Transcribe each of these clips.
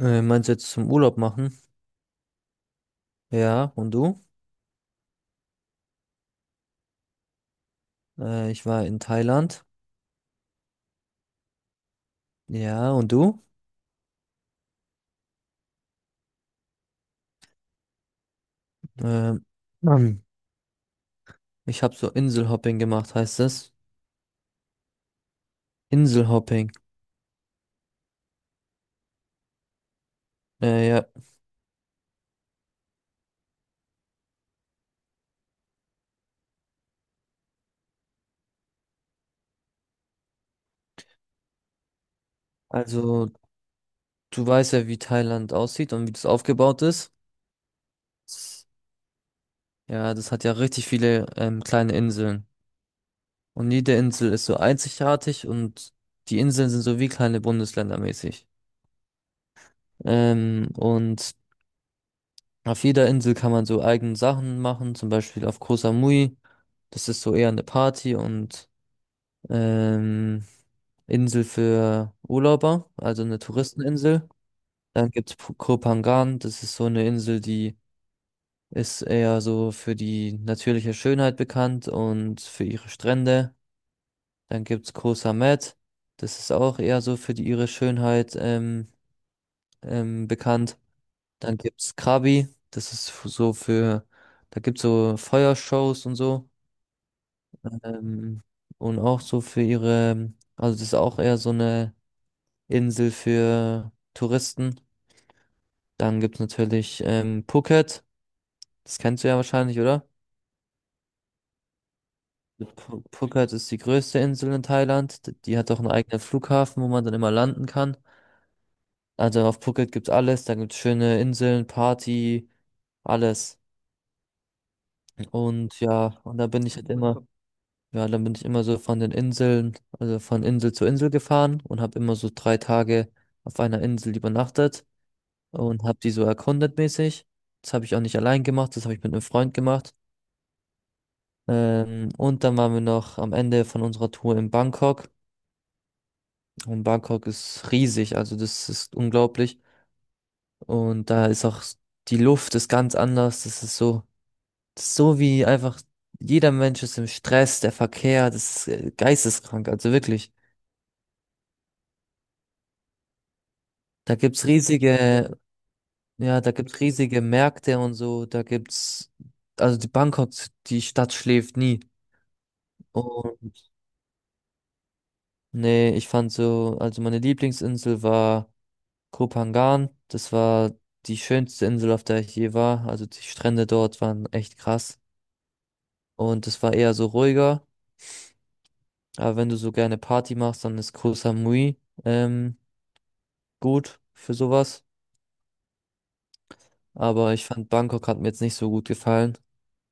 Meinst du jetzt zum Urlaub machen? Ja, und du? Ich war in Thailand. Ja, und du? Ähm, ähm, Ich habe so Inselhopping gemacht, heißt das? Inselhopping. Ja, also du weißt ja, wie Thailand aussieht und wie das aufgebaut ist. S- Ja, das hat ja richtig viele kleine Inseln. Und jede Insel ist so einzigartig und die Inseln sind so wie kleine Bundesländer mäßig. Und auf jeder Insel kann man so eigene Sachen machen, zum Beispiel auf Koh Samui. Das ist so eher eine Party und ähm, Insel für Urlauber, also eine Touristeninsel. Dann gibt es Koh Phangan, das ist so eine Insel, die ist eher so für die natürliche Schönheit bekannt und für ihre Strände. Dann gibt es Koh Samet, das ist auch eher so für die, ihre Schönheit bekannt. Dann gibt es Krabi, das ist f- so für, da gibt es so Feuershows und so. Ähm, und auch so für ihre, also das ist auch eher so eine Insel für Touristen. Dann gibt es natürlich Phuket, das kennst du ja wahrscheinlich, oder? Phuket ist die größte Insel in Thailand. Die hat auch einen eigenen Flughafen, wo man dann immer landen kann. Also auf Phuket gibt's alles, da gibt's schöne Inseln, Party, alles. Und ja, und da bin ich halt immer, ja, dann bin ich immer so von den Inseln, also von Insel zu Insel gefahren und habe immer so 3 Tage auf einer Insel übernachtet. Und habe die so erkundet mäßig. Das habe ich auch nicht allein gemacht, das habe ich mit einem Freund gemacht. Und dann waren wir noch am Ende von unserer Tour in Bangkok. Und Bangkok ist riesig, also das ist unglaublich. Und da ist auch s- Die Luft ist ganz anders. Das ist so wie einfach jeder Mensch ist im Stress, der Verkehr, das ist geisteskrank, also wirklich. Da gibt's riesige, ja, da gibt's riesige Märkte und so. Also die Bangkok, die Stadt schläft nie. Und Nee, ich fand so, also meine Lieblingsinsel war Koh Phangan. Das war die schönste Insel, auf der ich je war. Also die Strände dort waren echt krass. Und es war eher so ruhiger. Aber wenn du so gerne Party machst, dann ist Koh Samui ähm, gut für sowas. Aber ich fand Bangkok hat mir jetzt nicht so gut gefallen.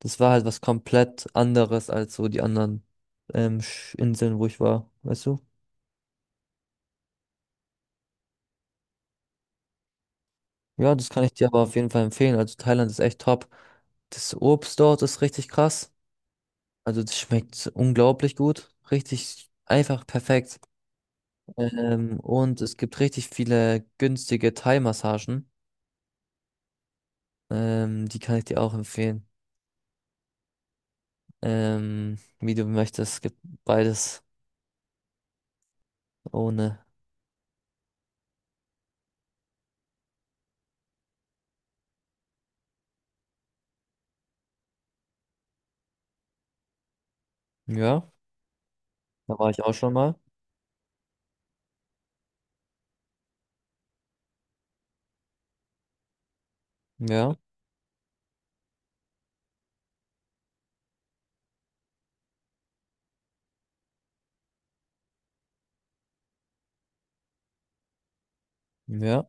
Das war halt was komplett anderes als so die anderen Inseln, wo ich war, weißt du? Ja, das kann ich dir aber auf jeden Fall empfehlen. Also Thailand ist echt top. Das Obst dort ist richtig krass. Also das schmeckt unglaublich gut. Richtig einfach perfekt. Und es gibt richtig viele günstige Thai-Massagen. Die kann ich dir auch empfehlen. Wie du möchtest. Es gibt beides ohne. Ja, da war ich auch schon mal. Ja, ja.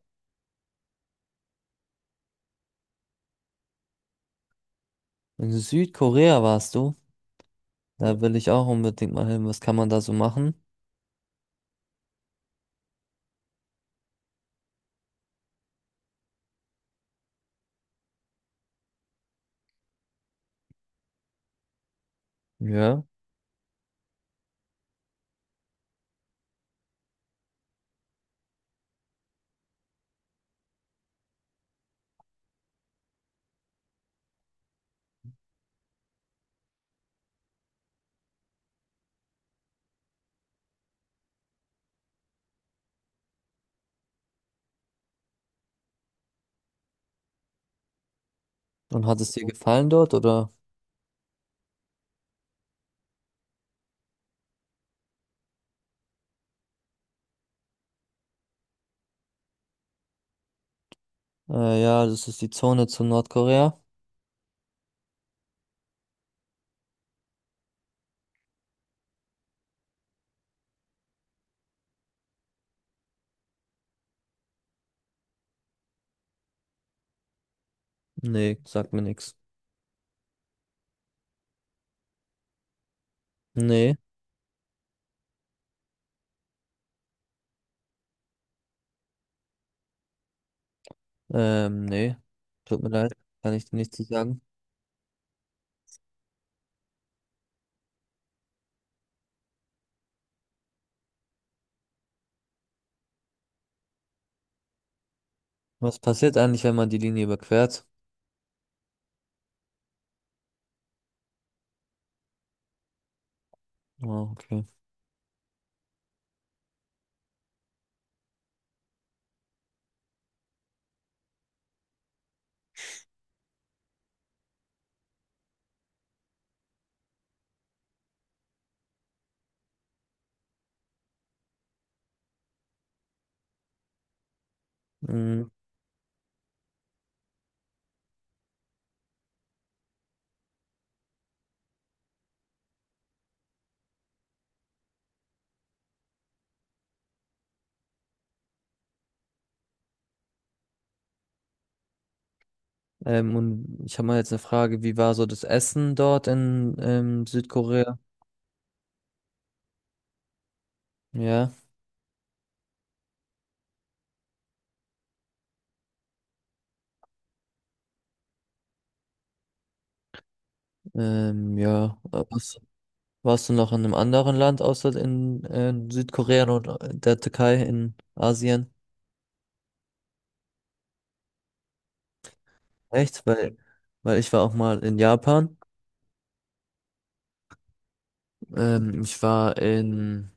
In Südkorea warst du. Da will ich auch unbedingt mal hin. Was kann man da so machen? Ja. Und hat es dir gefallen dort oder? Ja, das ist die Zone zu Nordkorea. Nee, sagt mir nichts. Nee, nee. Tut mir leid, kann ich dir nichts zu sagen. Was passiert eigentlich, wenn man die Linie überquert? Oh, okay. Mm, und ich habe mal jetzt eine Frage, wie war so das Essen dort in Südkorea? Ja, ja. Was, warst du noch in einem anderen Land außer in Südkorea und der Türkei in Asien? Echt? Weil ich war auch mal in Japan. Ich war in,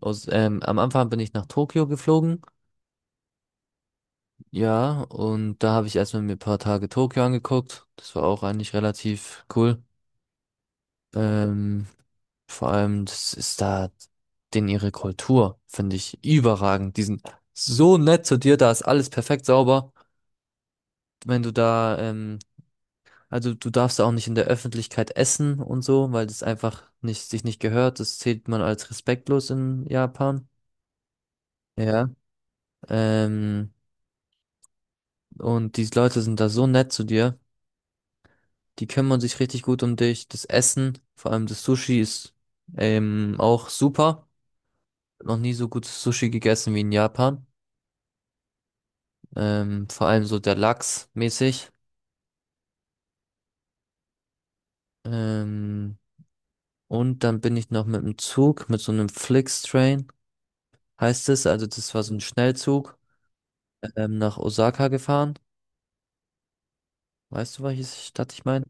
aus, Am Anfang bin ich nach Tokio geflogen, ja, und da habe ich erstmal mir ein paar Tage Tokio angeguckt. Das war auch eigentlich relativ cool. Ähm, vor allem, das ist da, Denn ihre Kultur finde ich überragend. Die sind so nett zu dir, da ist alles perfekt sauber. Wenn du da, Also du darfst da auch nicht in der Öffentlichkeit essen und so, weil das einfach nicht, sich nicht gehört. Das zählt man als respektlos in Japan. Ja. Ähm, und die Leute sind da so nett zu dir. Die kümmern sich richtig gut um dich. Das Essen, vor allem das Sushi, ist auch super. Noch nie so gutes Sushi gegessen wie in Japan. Vor allem so der Lachs mäßig. Ähm, und dann bin ich noch mit dem Zug, mit so einem Flixtrain, heißt es. Also das war so ein Schnellzug, nach Osaka gefahren. Weißt du, welche Stadt ich meine?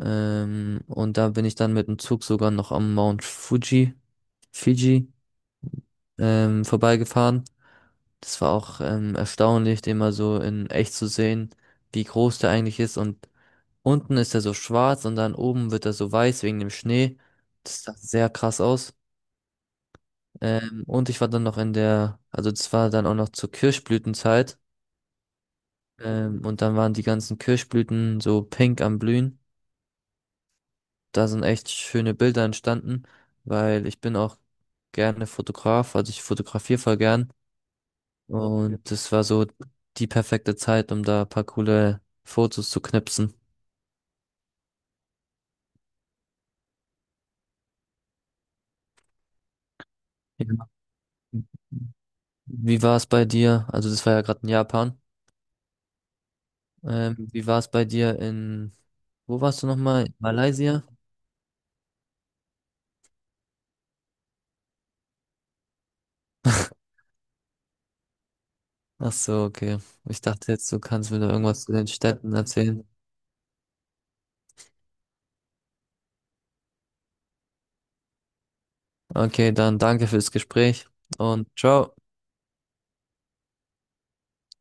Und da bin ich dann mit dem Zug sogar noch am Mount Fuji, Fiji vorbeigefahren. Das war auch erstaunlich, den mal so in echt zu sehen, wie groß der eigentlich ist. Und unten ist er so schwarz und dann oben wird er so weiß wegen dem Schnee. Das sah sehr krass aus. Und ich war dann noch in der, also das war dann auch noch zur Kirschblütenzeit. Und dann waren die ganzen Kirschblüten so pink am Blühen. Da sind echt schöne Bilder entstanden, weil ich bin auch gerne Fotograf, also ich fotografiere voll gern. Und das war so die perfekte Zeit, um da ein paar coole Fotos zu knipsen. Ja. Wie war es bei dir? Also das war ja gerade in Japan. Wie war es bei dir in, Wo warst du nochmal? In Malaysia? Ach so, okay. Ich dachte jetzt, du kannst mir da irgendwas zu den Städten erzählen. Okay, dann danke fürs Gespräch und ciao.